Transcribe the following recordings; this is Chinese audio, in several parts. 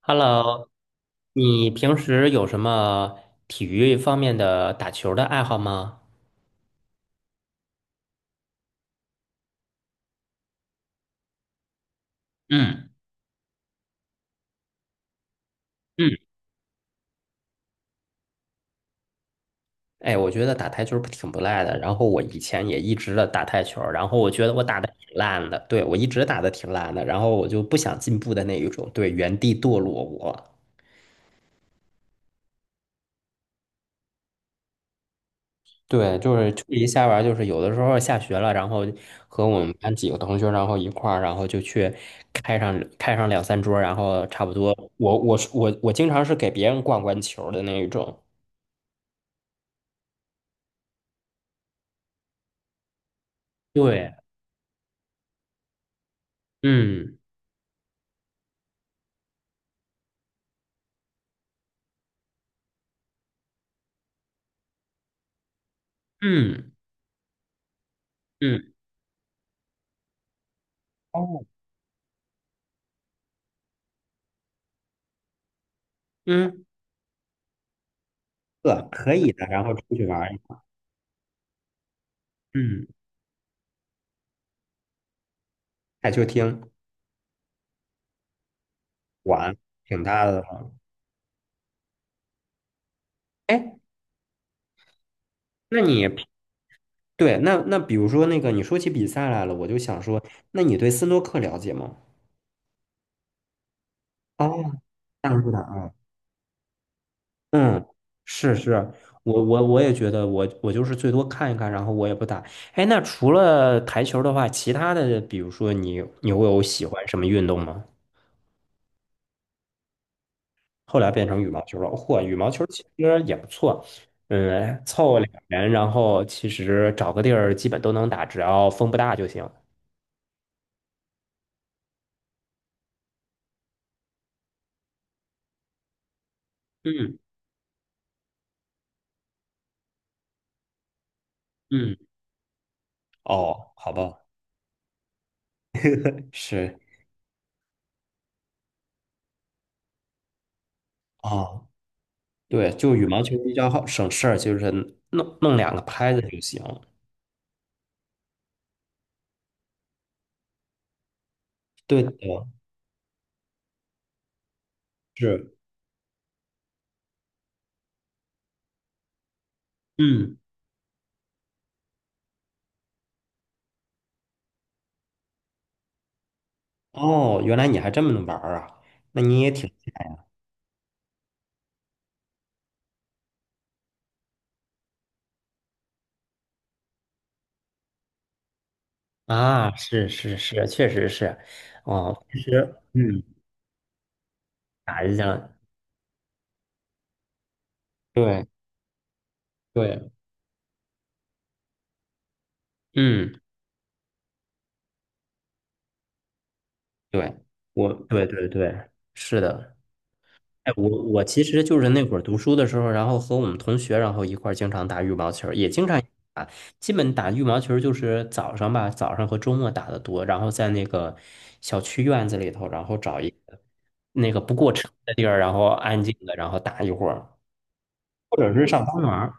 Hello，你平时有什么体育方面的打球的爱好吗？嗯嗯，哎，我觉得打台球不挺不赖的。然后我以前也一直的打台球，然后我觉得我打的挺烂的，对，我一直打的挺烂的，然后我就不想进步的那一种，对，原地堕落我。对，就是秋季下玩儿就是有的时候下学了，然后和我们班几个同学，然后一块儿，然后就去开上两三桌儿然后差不多，我经常是给别人灌灌球儿的那一种。对，嗯嗯嗯哦嗯，可以的，然后出去玩儿一下。嗯，台球厅玩挺大的了。哎，那你那比如说那个你说起比赛来了，我就想说，那你对斯诺克了解吗？哦，这样子的啊，嗯，是是，我也觉得我就是最多看一看，然后我也不打。哎，那除了台球的话，其他的，比如说你会有喜欢什么运动吗？后来变成羽毛球了，嚯，羽毛球其实也不错，嗯，凑个两人，然后其实找个地儿基本都能打，只要风不大就行。嗯嗯，哦，好吧，是，哦，对，就羽毛球比较好省事儿，就是弄弄两个拍子就行。对的，是。嗯。哦，原来你还这么能玩儿啊？那你也挺啊，是是是，确实是，哦，其实，嗯，打一下，对对，嗯，对，我对对对，是的。哎，我其实就是那会儿读书的时候，然后和我们同学，然后一块儿经常打羽毛球儿也经常基本打羽毛球儿就是早上吧，早上和周末打的多，然后在那个小区院子里头，然后找一个那个不过车的地儿，然后安静的，然后打一会儿。或者是上班玩儿，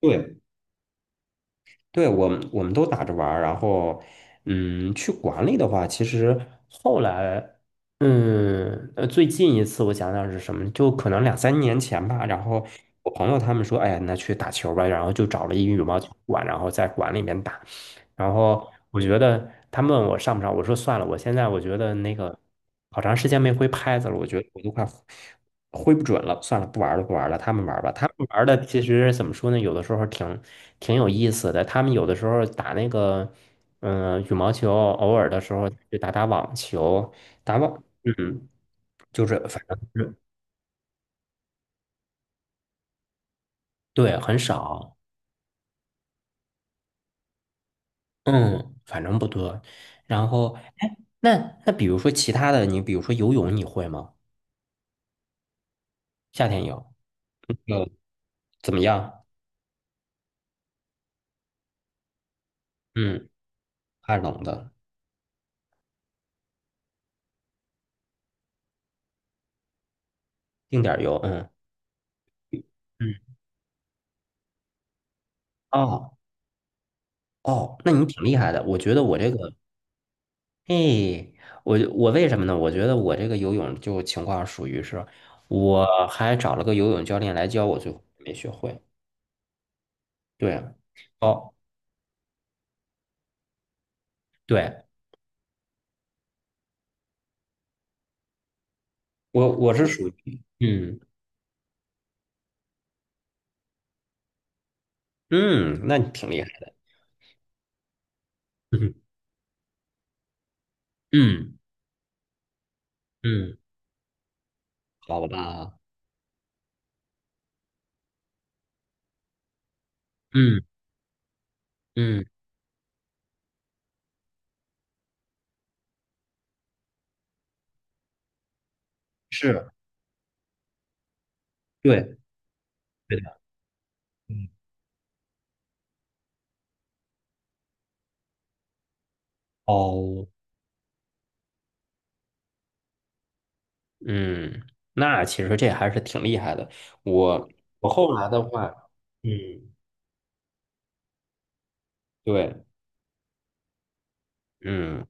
对对，我们都打着玩儿，然后，嗯，去馆里的话，其实后来，嗯最近一次我想想是什么，就可能两三年前吧。然后我朋友他们说，哎呀，那去打球吧，然后就找了一羽毛球馆，然后在馆里面打。然后我觉得他们问我上不上，我说算了，我现在我觉得那个好长时间没挥拍子了，我觉得我都快挥不准了，算了，不玩了，不玩了，他们玩吧。他们玩的其实怎么说呢？有的时候挺有意思的。他们有的时候打那个，嗯、羽毛球，偶尔的时候就打打网球，嗯，就是反正是，对，很少，嗯，反正不多。然后，哎，那比如说其他的，你比如说游泳，你会吗？夏天游，呃，怎么样？嗯，怕冷的，定点儿游，嗯嗯。哦哦，那你挺厉害的。我觉得我这个嘿，我为什么呢？我觉得我这个游泳就情况属于是，我还找了个游泳教练来教我，最后没学会。对，哦，对，我是属于，嗯嗯，那你挺厉害的，嗯嗯嗯，好吧，嗯嗯，是，对，对的，嗯，哦，嗯，那其实这还是挺厉害的。我我后来的话，嗯，对，嗯，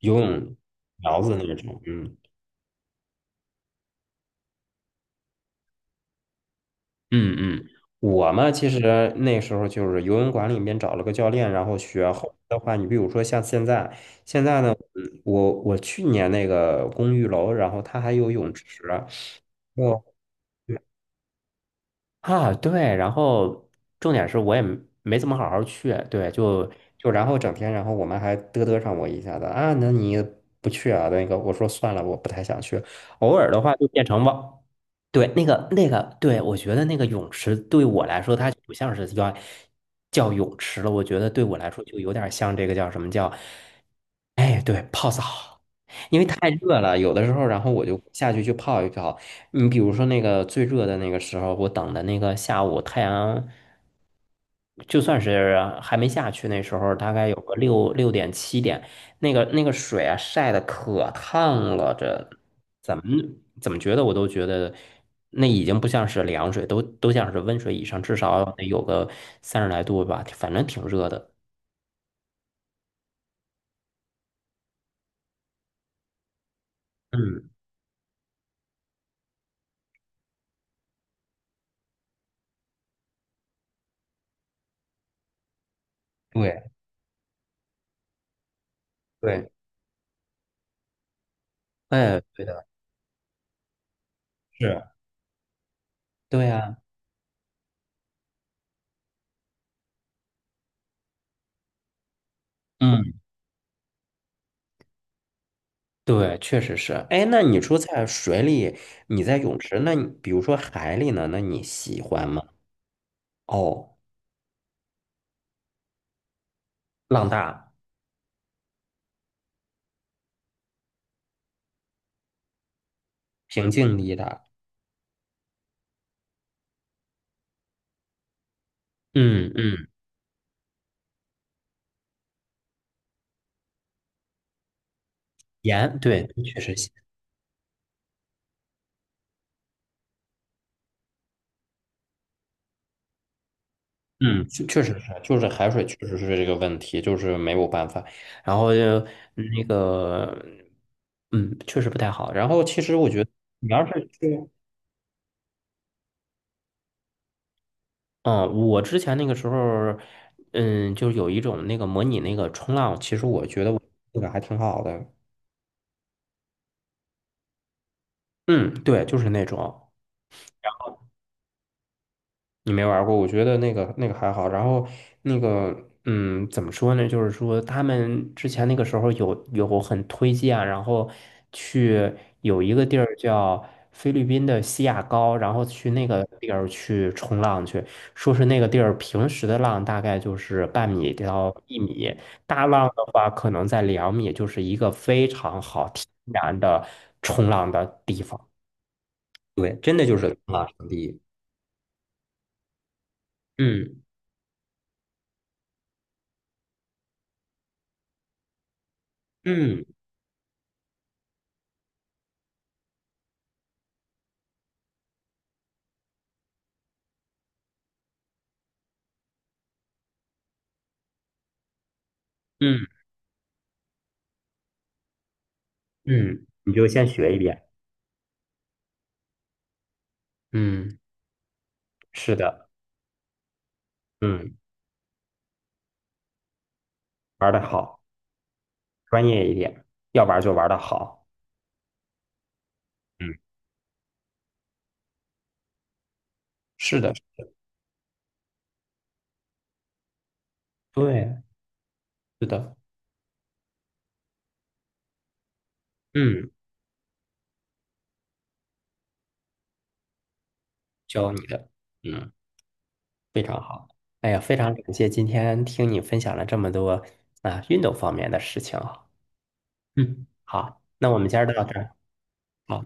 游泳苗子那种，嗯。嗯嗯，我嘛，其实那时候就是游泳馆里面找了个教练，然后学。后来的话，你比如说像现在，现在呢，我去年那个公寓楼，然后它还有泳池，哦，啊，对，然后重点是我也没怎么好好去，对，就然后整天，然后我们还嘚嘚上我一下子啊，那你不去啊？那个我说算了，我不太想去。偶尔的话就变成吧，对，那个那个，对，我觉得那个泳池对我来说，它就不像是叫泳池了，我觉得对我来说就有点像这个叫什么叫，哎，对，泡澡，因为太热了，有的时候，然后我就下去去泡一泡。你比如说那个最热的那个时候，我等的那个下午，太阳就算是还没下去，那时候大概有个六点七点，那个那个水啊晒的可烫了，这怎么怎么觉得我都觉得那已经不像是凉水，都像是温水以上，至少得有个30来度吧，反正挺热的。嗯，对对，哎，对的，是，对呀，嗯。对，确实是。哎，那你说在水里，你在泳池，那你比如说海里呢？那你喜欢吗？哦，浪大，平静力大。嗯嗯，盐，对，确实咸，嗯，确确实是，就是海水确实是这个问题，就是没有办法。然后就那个，嗯，确实不太好。然后其实我觉得，你要是去，嗯，我之前那个时候，嗯，就是有一种那个模拟那个冲浪，其实我觉得我那个还挺好的。嗯，对，就是那种你没玩过，我觉得那个那个还好。然后那个，嗯，怎么说呢？就是说他们之前那个时候有很推荐，然后去有一个地儿叫菲律宾的西亚高，然后去那个地儿去冲浪去，说是那个地儿平时的浪大概就是半米到1米，大浪的话可能在2米，就是一个非常好天然的冲浪的地方。对，真的就是冲浪圣地。嗯。嗯嗯嗯，你就先学一遍。嗯，是的，嗯，玩的好，专业一点，要玩就玩的好。嗯，是的，对，是的，嗯，教你的，嗯，非常好。哎呀，非常感谢今天听你分享了这么多啊运动方面的事情啊。嗯，好，那我们今儿到这儿。好。